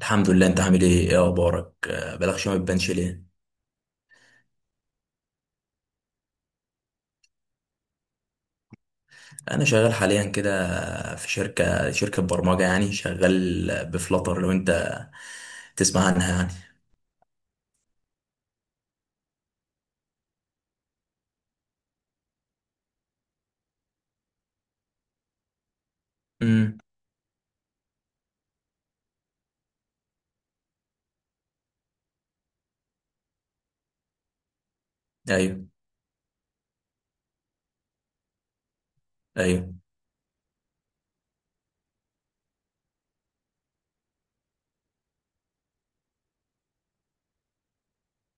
الحمد لله، انت عامل ايه؟ ايه اخبارك؟ بقالك شويه ما بتبانش ليه؟ انا شغال حاليا كده في شركه برمجه، يعني شغال بفلاتر لو انت تسمع عنها يعني. امم. ايوه. ايوه.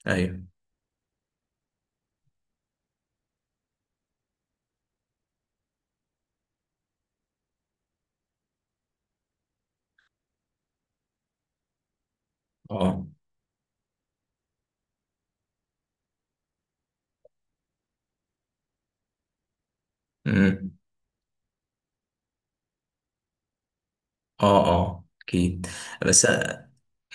ايوه. اه. امم. اه، اه، اكيد. بس.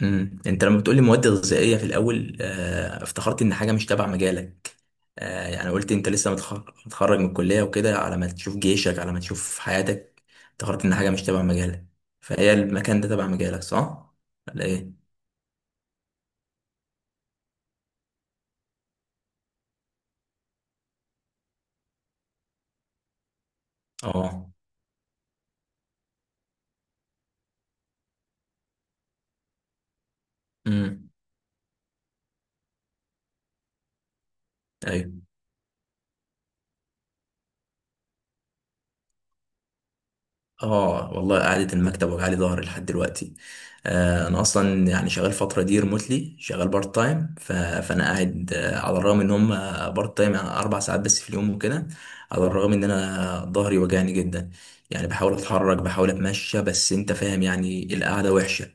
امم. انت لما بتقولي مواد غذائيه في الاول، افتكرت ان حاجه مش تبع مجالك. يعني قلت انت لسه متخرج من الكليه وكده، على ما تشوف جيشك، على ما تشوف حياتك، افتكرت ان حاجه مش تبع مجالك. فهي المكان ده تبع مجالك، صح ولا ايه؟ اه. امم. ايوه. اه والله، قعدة المكتب وجعلي ظهري لحد دلوقتي. انا اصلا يعني شغال فترة دي ريموتلي، شغال بارت تايم. فانا قاعد، على الرغم ان هم بارت تايم، يعني 4 ساعات بس في اليوم وكده، على الرغم ان انا ظهري وجعني جدا، يعني بحاول اتحرك بحاول اتمشى، بس انت فاهم يعني القعدة وحشة.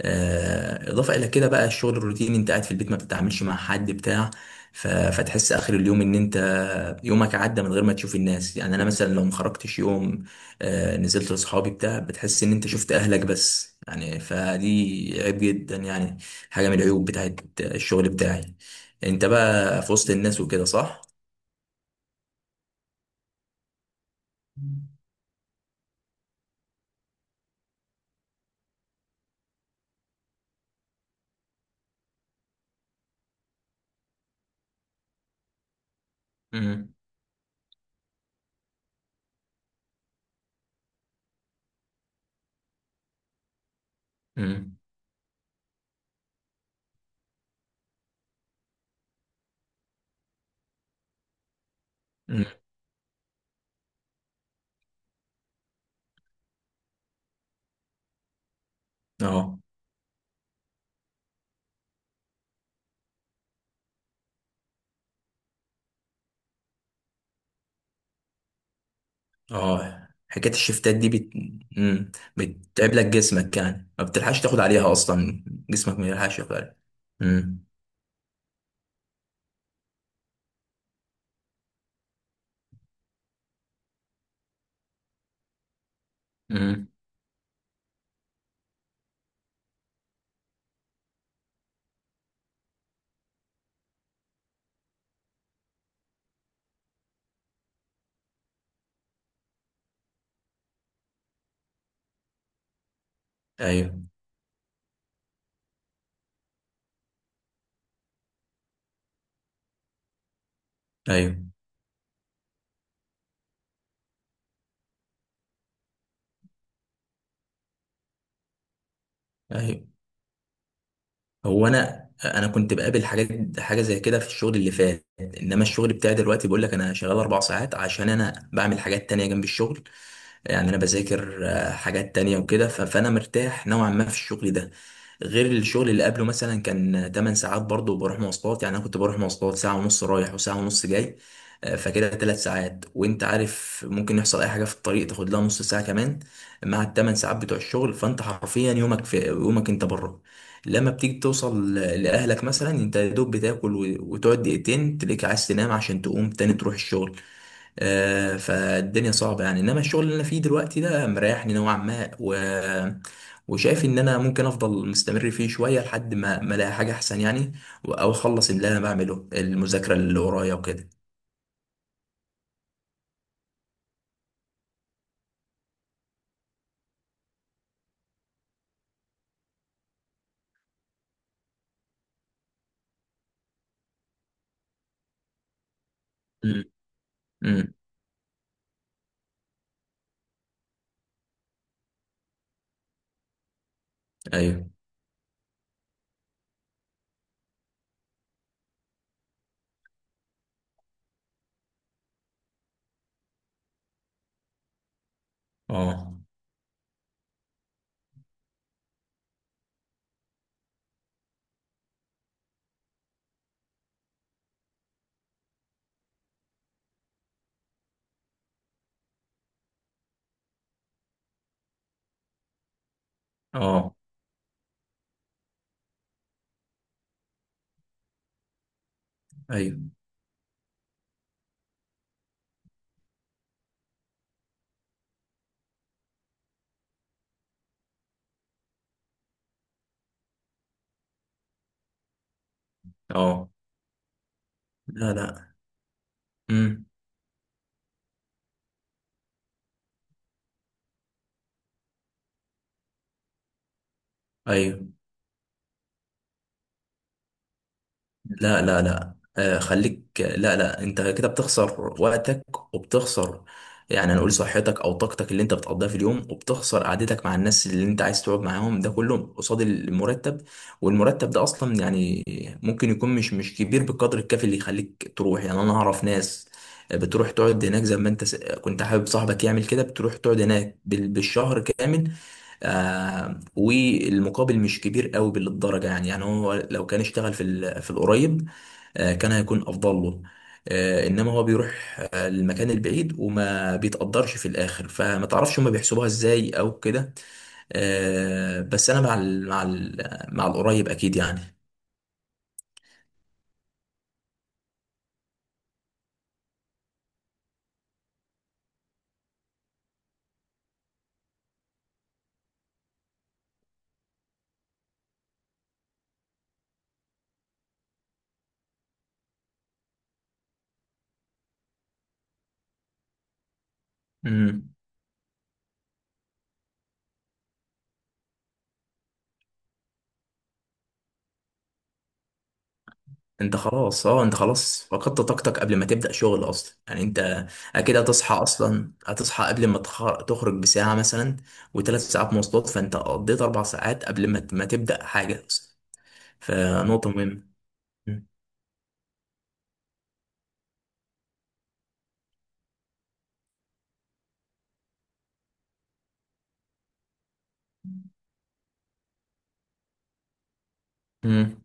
اضافه الى كده بقى الشغل الروتيني، انت قاعد في البيت ما بتتعاملش مع حد بتاع، فتحس اخر اليوم ان انت يومك عدى من غير ما تشوف الناس. يعني انا مثلا لو ما خرجتش يوم، نزلت لاصحابي بتاع، بتحس ان انت شفت اهلك بس، يعني فدي عيب جدا يعني، حاجه من العيوب بتاعت الشغل بتاعي. انت بقى في وسط الناس وكده، صح؟ امم. امم. أمم. اه. اه، حكاية الشفتات دي بتتعب لك جسمك، يعني ما بتلحقش تاخد عليها اصلا. جسمك ما بيلحقش ياخد عليها. مم. مم. ايوه. ايوه. ايوه. هو انا كنت بقابل حاجه زي كده في الشغل اللي فات، انما الشغل بتاعي دلوقتي بقول لك انا شغال اربع ساعات عشان انا بعمل حاجات تانية جنب الشغل. يعني انا بذاكر حاجات تانية وكده، فانا مرتاح نوعا ما في الشغل ده، غير الشغل اللي قبله مثلا كان 8 ساعات برضه، وبروح مواصلات. يعني انا كنت بروح مواصلات ساعة ونص رايح وساعة ونص جاي، فكده 3 ساعات، وانت عارف ممكن يحصل اي حاجة في الطريق تاخد لها نص ساعة كمان مع ال8 ساعات بتوع الشغل، فانت حرفيا يومك في يومك انت بره. لما بتيجي توصل لأهلك مثلا، انت يا دوب بتاكل وتقعد دقيقتين تلاقيك عايز تنام عشان تقوم تاني تروح الشغل. فالدنيا صعبة يعني، انما الشغل اللي انا فيه دلوقتي ده مريحني نوعا ما وشايف ان انا ممكن افضل مستمر فيه شوية لحد ما الاقي حاجة احسن يعني، او اخلص اللي انا بعمله، المذاكرة اللي ورايا وكده. امم. امم. ايوه. اه. اه. ايوه. اه. لا، لا. امم. ايوه. لا، لا، لا، خليك، لا، لا، انت كده بتخسر وقتك وبتخسر، يعني هنقول صحتك او طاقتك اللي انت بتقضيها في اليوم، وبتخسر قعدتك مع الناس اللي انت عايز تقعد معاهم، ده كله قصاد المرتب. والمرتب ده اصلا يعني ممكن يكون مش كبير بالقدر الكافي اللي يخليك تروح. يعني انا اعرف ناس بتروح تقعد هناك، زي ما انت كنت حابب صاحبك يعمل كده، بتروح تقعد هناك بالشهر كامل. والمقابل مش كبير قوي بالدرجه، يعني هو لو كان اشتغل في في القريب، كان هيكون افضل له. انما هو بيروح للمكان البعيد، وما بيتقدرش في الاخر. فما تعرفش هما بيحسبوها ازاي او كده. بس انا مع ال مع ال مع القريب اكيد يعني. امم. انت خلاص فقدت طاقتك قبل ما تبدأ شغل اصلا، يعني انت اكيد هتصحى، اصلا هتصحى قبل ما تخرج بساعة مثلا، وثلاث ساعات مواصلات، فانت قضيت 4 ساعات قبل ما تبدأ حاجة اصلا. فنقطة مهمة. امم.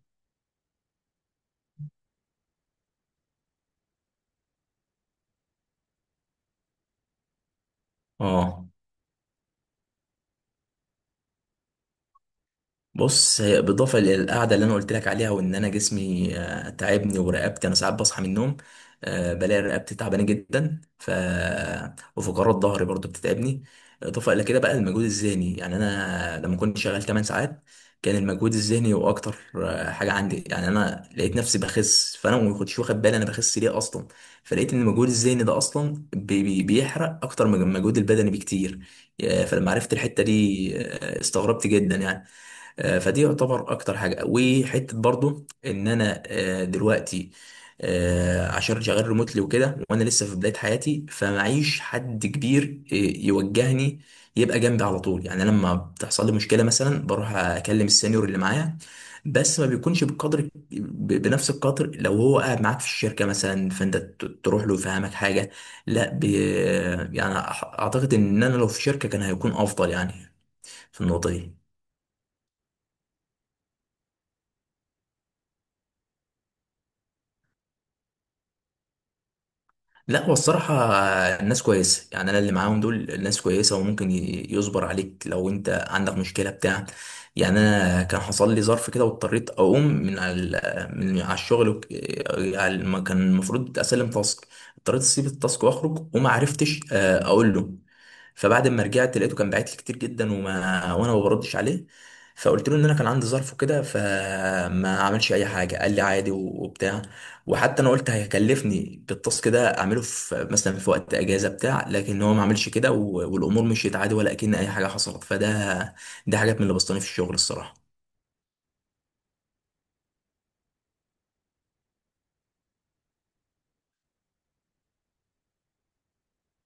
اه، بص، هي بالإضافة للقعدة اللي أنا قلت لك عليها، وإن أنا جسمي تعبني، ورقبتي أنا ساعات بصحى من النوم بلاقي رقبتي تعبانة جدا. وفقرات ظهري برضو بتتعبني. إضافة إلى كده بقى المجهود الذهني. يعني أنا لما كنت شغال 8 ساعات كان المجهود الذهني هو أكتر حاجة عندي. يعني أنا لقيت نفسي بخس، فأنا ما كنتش واخد بالي أنا بخس ليه أصلا، فلقيت إن المجهود الذهني ده أصلا بي بي بيحرق أكتر من المجهود البدني بكتير. فلما عرفت الحتة دي استغربت جدا يعني. فدي يعتبر اكتر حاجه. وحته برضو ان انا دلوقتي عشان شغال ريموتلي وكده، وانا لسه في بدايه حياتي، فمعيش حد كبير يوجهني يبقى جنبي على طول. يعني لما بتحصل لي مشكله مثلا بروح اكلم السينيور اللي معايا، بس ما بيكونش بالقدر، بنفس القدر لو هو قاعد معاك في الشركه مثلا، فانت تروح له يفهمك حاجه. لا يعني اعتقد ان انا لو في شركه كان هيكون افضل، يعني في النقطه دي. لا، هو الصراحة الناس كويسة، يعني أنا اللي معاهم دول الناس كويسة، وممكن يصبر عليك لو أنت عندك مشكلة بتاع. يعني أنا كان حصل لي ظرف كده واضطريت أقوم من على الشغل كان المفروض أسلم تاسك، اضطريت أسيب التاسك وأخرج وما عرفتش أقول له. فبعد ما رجعت لقيته كان باعت لي كتير جدا، وأنا ما بردش عليه. فقلت له ان انا كان عندي ظرف وكده، فما عملش اي حاجه، قال لي عادي وبتاع. وحتى انا قلت هيكلفني التاسك ده اعمله في في وقت اجازه بتاع، لكن هو ما عملش كده، والامور مشيت عادي ولا كأن اي حاجه حصلت. ده حاجات من اللي بسطاني في الشغل الصراحه.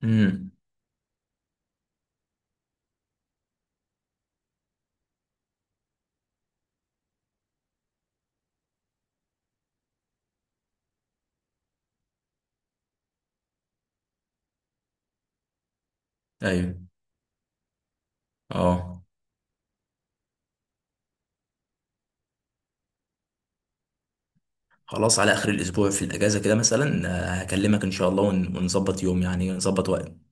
امم. ايوه. اه. خلاص، على اخر الاسبوع في الاجازه كده مثلا، هكلمك ان شاء الله ونظبط يوم، يعني نظبط وقت.